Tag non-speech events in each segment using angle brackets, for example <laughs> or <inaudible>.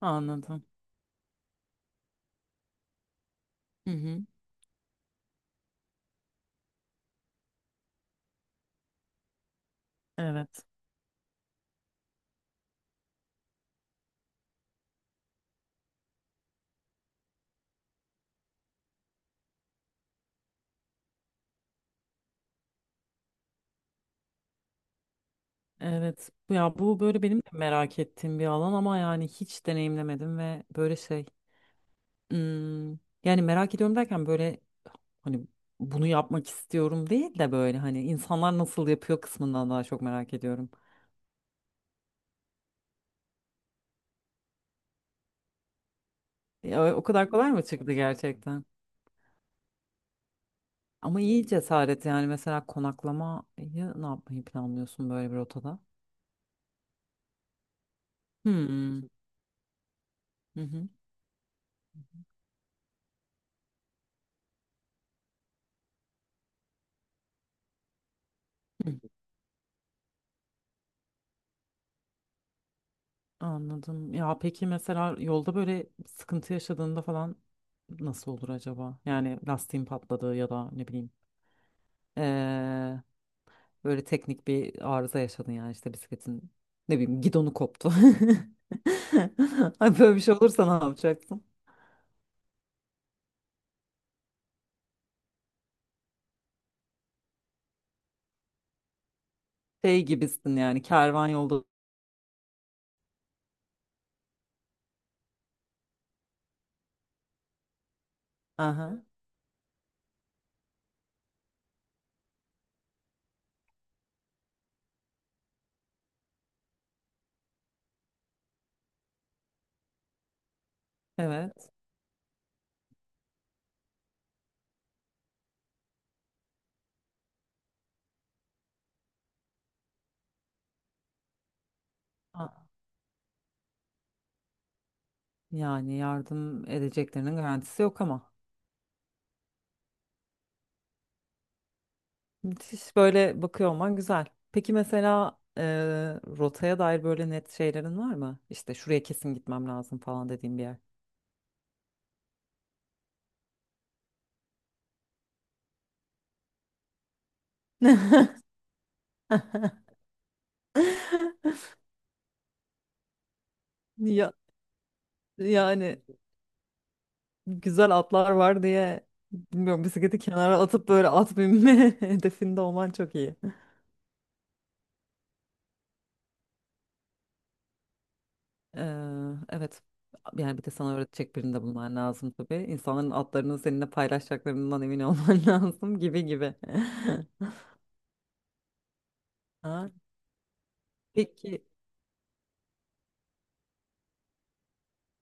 Anladım. Hı hı. Evet. Evet. Ya bu böyle benim de merak ettiğim bir alan ama yani hiç deneyimlemedim ve böyle şey. hmm, Yani merak ediyorum derken böyle hani bunu yapmak istiyorum değil de böyle hani insanlar nasıl yapıyor kısmından daha çok merak ediyorum. Ya, o kadar kolay mı çıktı gerçekten? Ama iyi cesaret yani, mesela konaklamayı ne yapmayı planlıyorsun böyle bir rotada? Hmm. Hı hı. Anladım. Ya peki mesela yolda böyle sıkıntı yaşadığında falan nasıl olur acaba? Yani lastiğin patladı ya da ne bileyim, eee, böyle teknik bir arıza yaşadın yani işte bisikletin ne bileyim gidonu koptu. <laughs> Ay, böyle bir şey olursa ne yapacaksın? Şey gibisin yani, kervan yolda. Aha, evet. A- Yani yardım edeceklerinin garantisi yok ama. Müthiş böyle bakıyor olman güzel. Peki mesela, rotaya dair böyle net şeylerin var mı? İşte şuraya kesin gitmem lazım falan dediğim bir yer. <laughs> Ya, yani güzel atlar var diye bilmiyorum, bisikleti kenara atıp böyle at binme <laughs> hedefinde olman çok iyi. Ee, evet. Yani bir de sana öğretecek birini de bulman lazım tabii. İnsanların atlarını seninle paylaşacaklarından emin olman <laughs> lazım gibi gibi. <laughs> Ha, peki.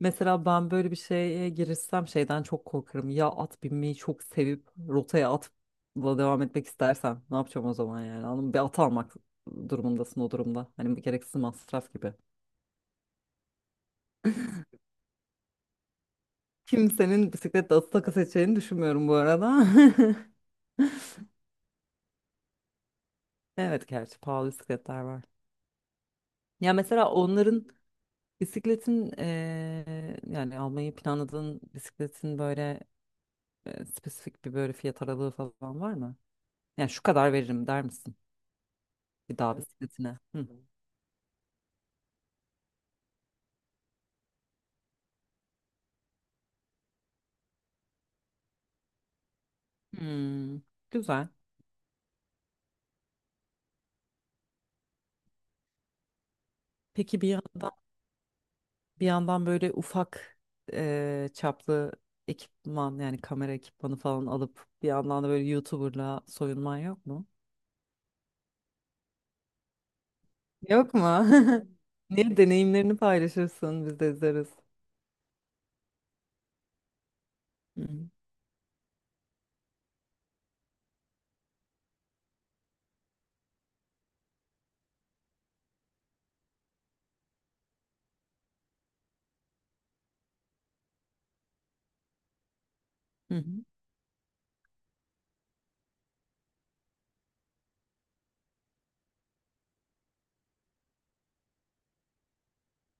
Mesela ben böyle bir şeye girişsem şeyden çok korkarım. Ya at binmeyi çok sevip rotaya atla devam etmek istersen ne yapacağım o zaman yani? Anladın mı? Bir at almak durumundasın o durumda. Hani bu gereksiz masraf gibi. Kimsenin bisikletle atı takı seçeceğini düşünmüyorum bu arada. <laughs> Evet, gerçi pahalı bisikletler var. Ya mesela onların bisikletin, yani almayı planladığın bisikletin böyle spesifik bir böyle fiyat aralığı falan var mı? Yani şu kadar veririm der misin? Bir daha evet, bisikletine. Hı. Hmm, güzel. Peki bir yandan böyle ufak çaplı ekipman, yani kamera ekipmanı falan alıp bir yandan da böyle YouTuber'la soyunman yok mu? Yok mu? <laughs> Niye, deneyimlerini paylaşırsın biz de izleriz. Hı hı. Hı hı.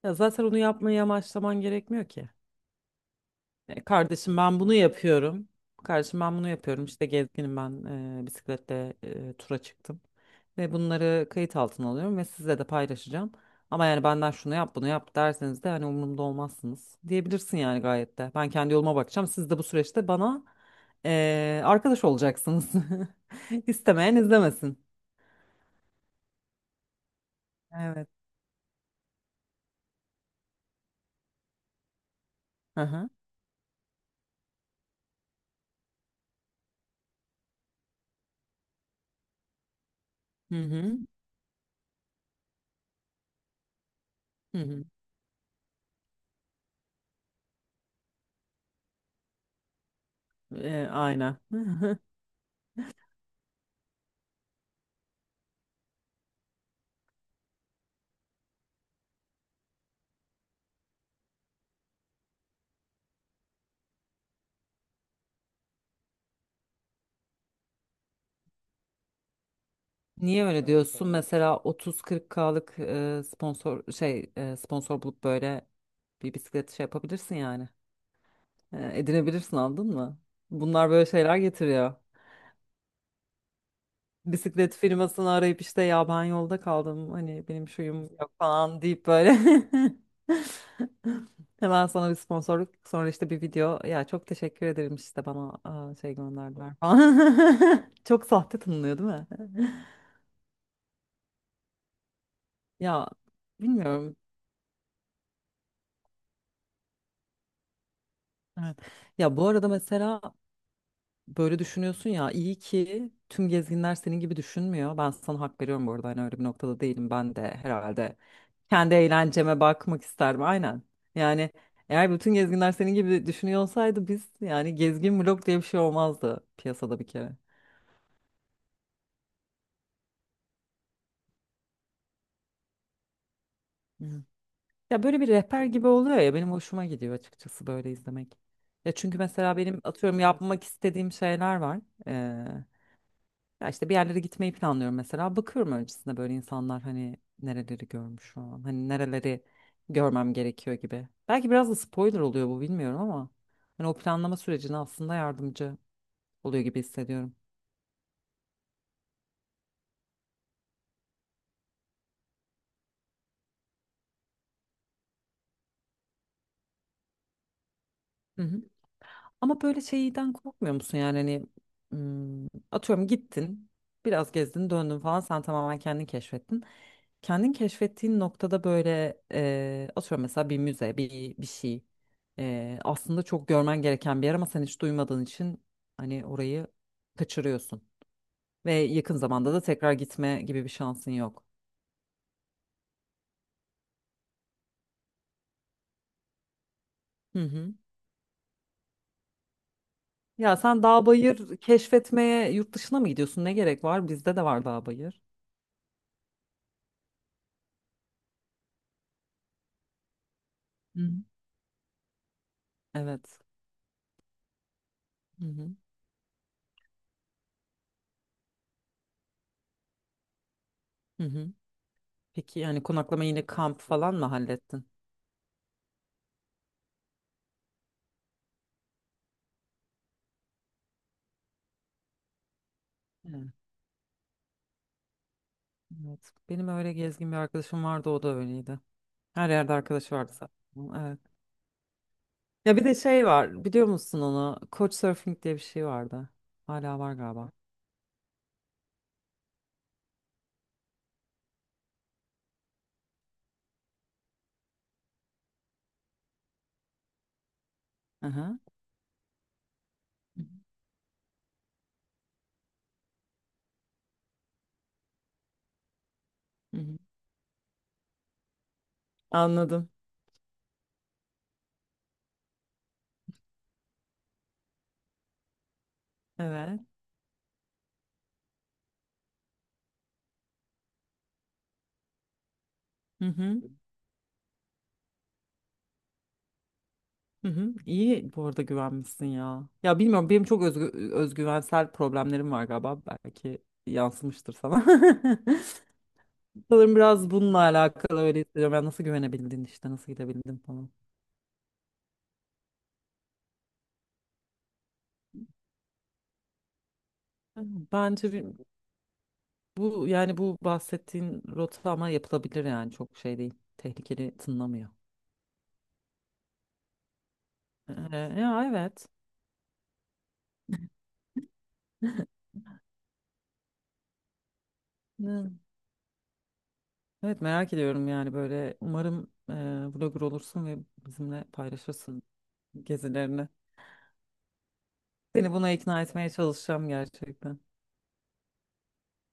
Ya zaten onu yapmayı amaçlaman gerekmiyor ki. Kardeşim ben bunu yapıyorum. Kardeşim ben bunu yapıyorum. İşte gezginim ben, bisikletle tura çıktım. Ve bunları kayıt altına alıyorum ve sizle de paylaşacağım. Ama yani benden şunu yap bunu yap derseniz de hani umurumda olmazsınız diyebilirsin yani, gayet de. Ben kendi yoluma bakacağım. Siz de bu süreçte bana arkadaş olacaksınız. <laughs> İstemeyen izlemesin. Evet. Hı hı. Hı hı. Hı hı. Aynen. <laughs> Niye öyle diyorsun? Mesela 30-40 binlik'lık sponsor şey sponsor bulup böyle bir bisiklet şey yapabilirsin yani. Edinebilirsin, anladın mı? Bunlar böyle şeyler getiriyor. Bisiklet firmasını arayıp işte, ya ben yolda kaldım, hani benim şuyum yok falan deyip böyle <laughs> hemen sana bir sponsorluk, sonra işte bir video, ya çok teşekkür ederim işte, bana şey gönderdiler falan. <laughs> Çok sahte tanınıyor değil mi? <laughs> Ya, bilmiyorum. Evet. Ya bu arada mesela böyle düşünüyorsun ya, iyi ki tüm gezginler senin gibi düşünmüyor. Ben sana hak veriyorum bu arada, hani öyle bir noktada değilim. Ben de herhalde kendi eğlenceme bakmak isterim, aynen. Yani eğer bütün gezginler senin gibi düşünüyor olsaydı, biz yani gezgin blok diye bir şey olmazdı piyasada bir kere. Evet. Ya böyle bir rehber gibi oluyor ya, benim hoşuma gidiyor açıkçası böyle izlemek. Ya çünkü mesela benim atıyorum yapmak istediğim şeyler var. Ya işte bir yerlere gitmeyi planlıyorum mesela. Bakıyorum öncesinde böyle insanlar hani nereleri görmüş şu an. Hani nereleri görmem gerekiyor gibi. Belki biraz da spoiler oluyor bu, bilmiyorum ama. Hani o planlama sürecine aslında yardımcı oluyor gibi hissediyorum. Ama böyle şeyden korkmuyor musun yani, hani hmm, atıyorum gittin biraz gezdin döndün falan, sen tamamen kendin keşfettin. Kendin keşfettiğin noktada böyle atıyorum mesela bir müze, bir şey aslında çok görmen gereken bir yer ama sen hiç duymadığın için hani orayı kaçırıyorsun. Ve yakın zamanda da tekrar gitme gibi bir şansın yok. Hı hı. Ya sen dağ bayır keşfetmeye yurt dışına mı gidiyorsun? Ne gerek var? Bizde de var dağ bayır. Hı. Hı. Evet. Hı hı. Hı hı. Peki yani konaklama yine kamp falan mı hallettin? Evet. Evet. Benim öyle gezgin bir arkadaşım vardı, o da öyleydi. Her yerde arkadaşı vardı zaten. Evet. Ya bir de şey var, biliyor musun onu? Couchsurfing diye bir şey vardı. Hala var galiba. Aha. Hı hı. Anladım. Evet. Hı hı. Hı hı. İyi bu arada, güvenmişsin ya. Ya bilmiyorum, benim çok özgüvensel problemlerim var galiba. Belki yansımıştır sana. <laughs> Sanırım biraz bununla alakalı öyle hissediyorum. Yani nasıl güvenebildin, işte nasıl gidebildin falan. Bence bu yani, bu bahsettiğin rota ama yapılabilir yani, çok şey değil. Tehlikeli tınlamıyor. Ya evet. <laughs> Ne? Evet, merak ediyorum yani, böyle umarım vlogger olursun ve bizimle paylaşırsın gezilerini. Seni buna ikna etmeye çalışacağım gerçekten.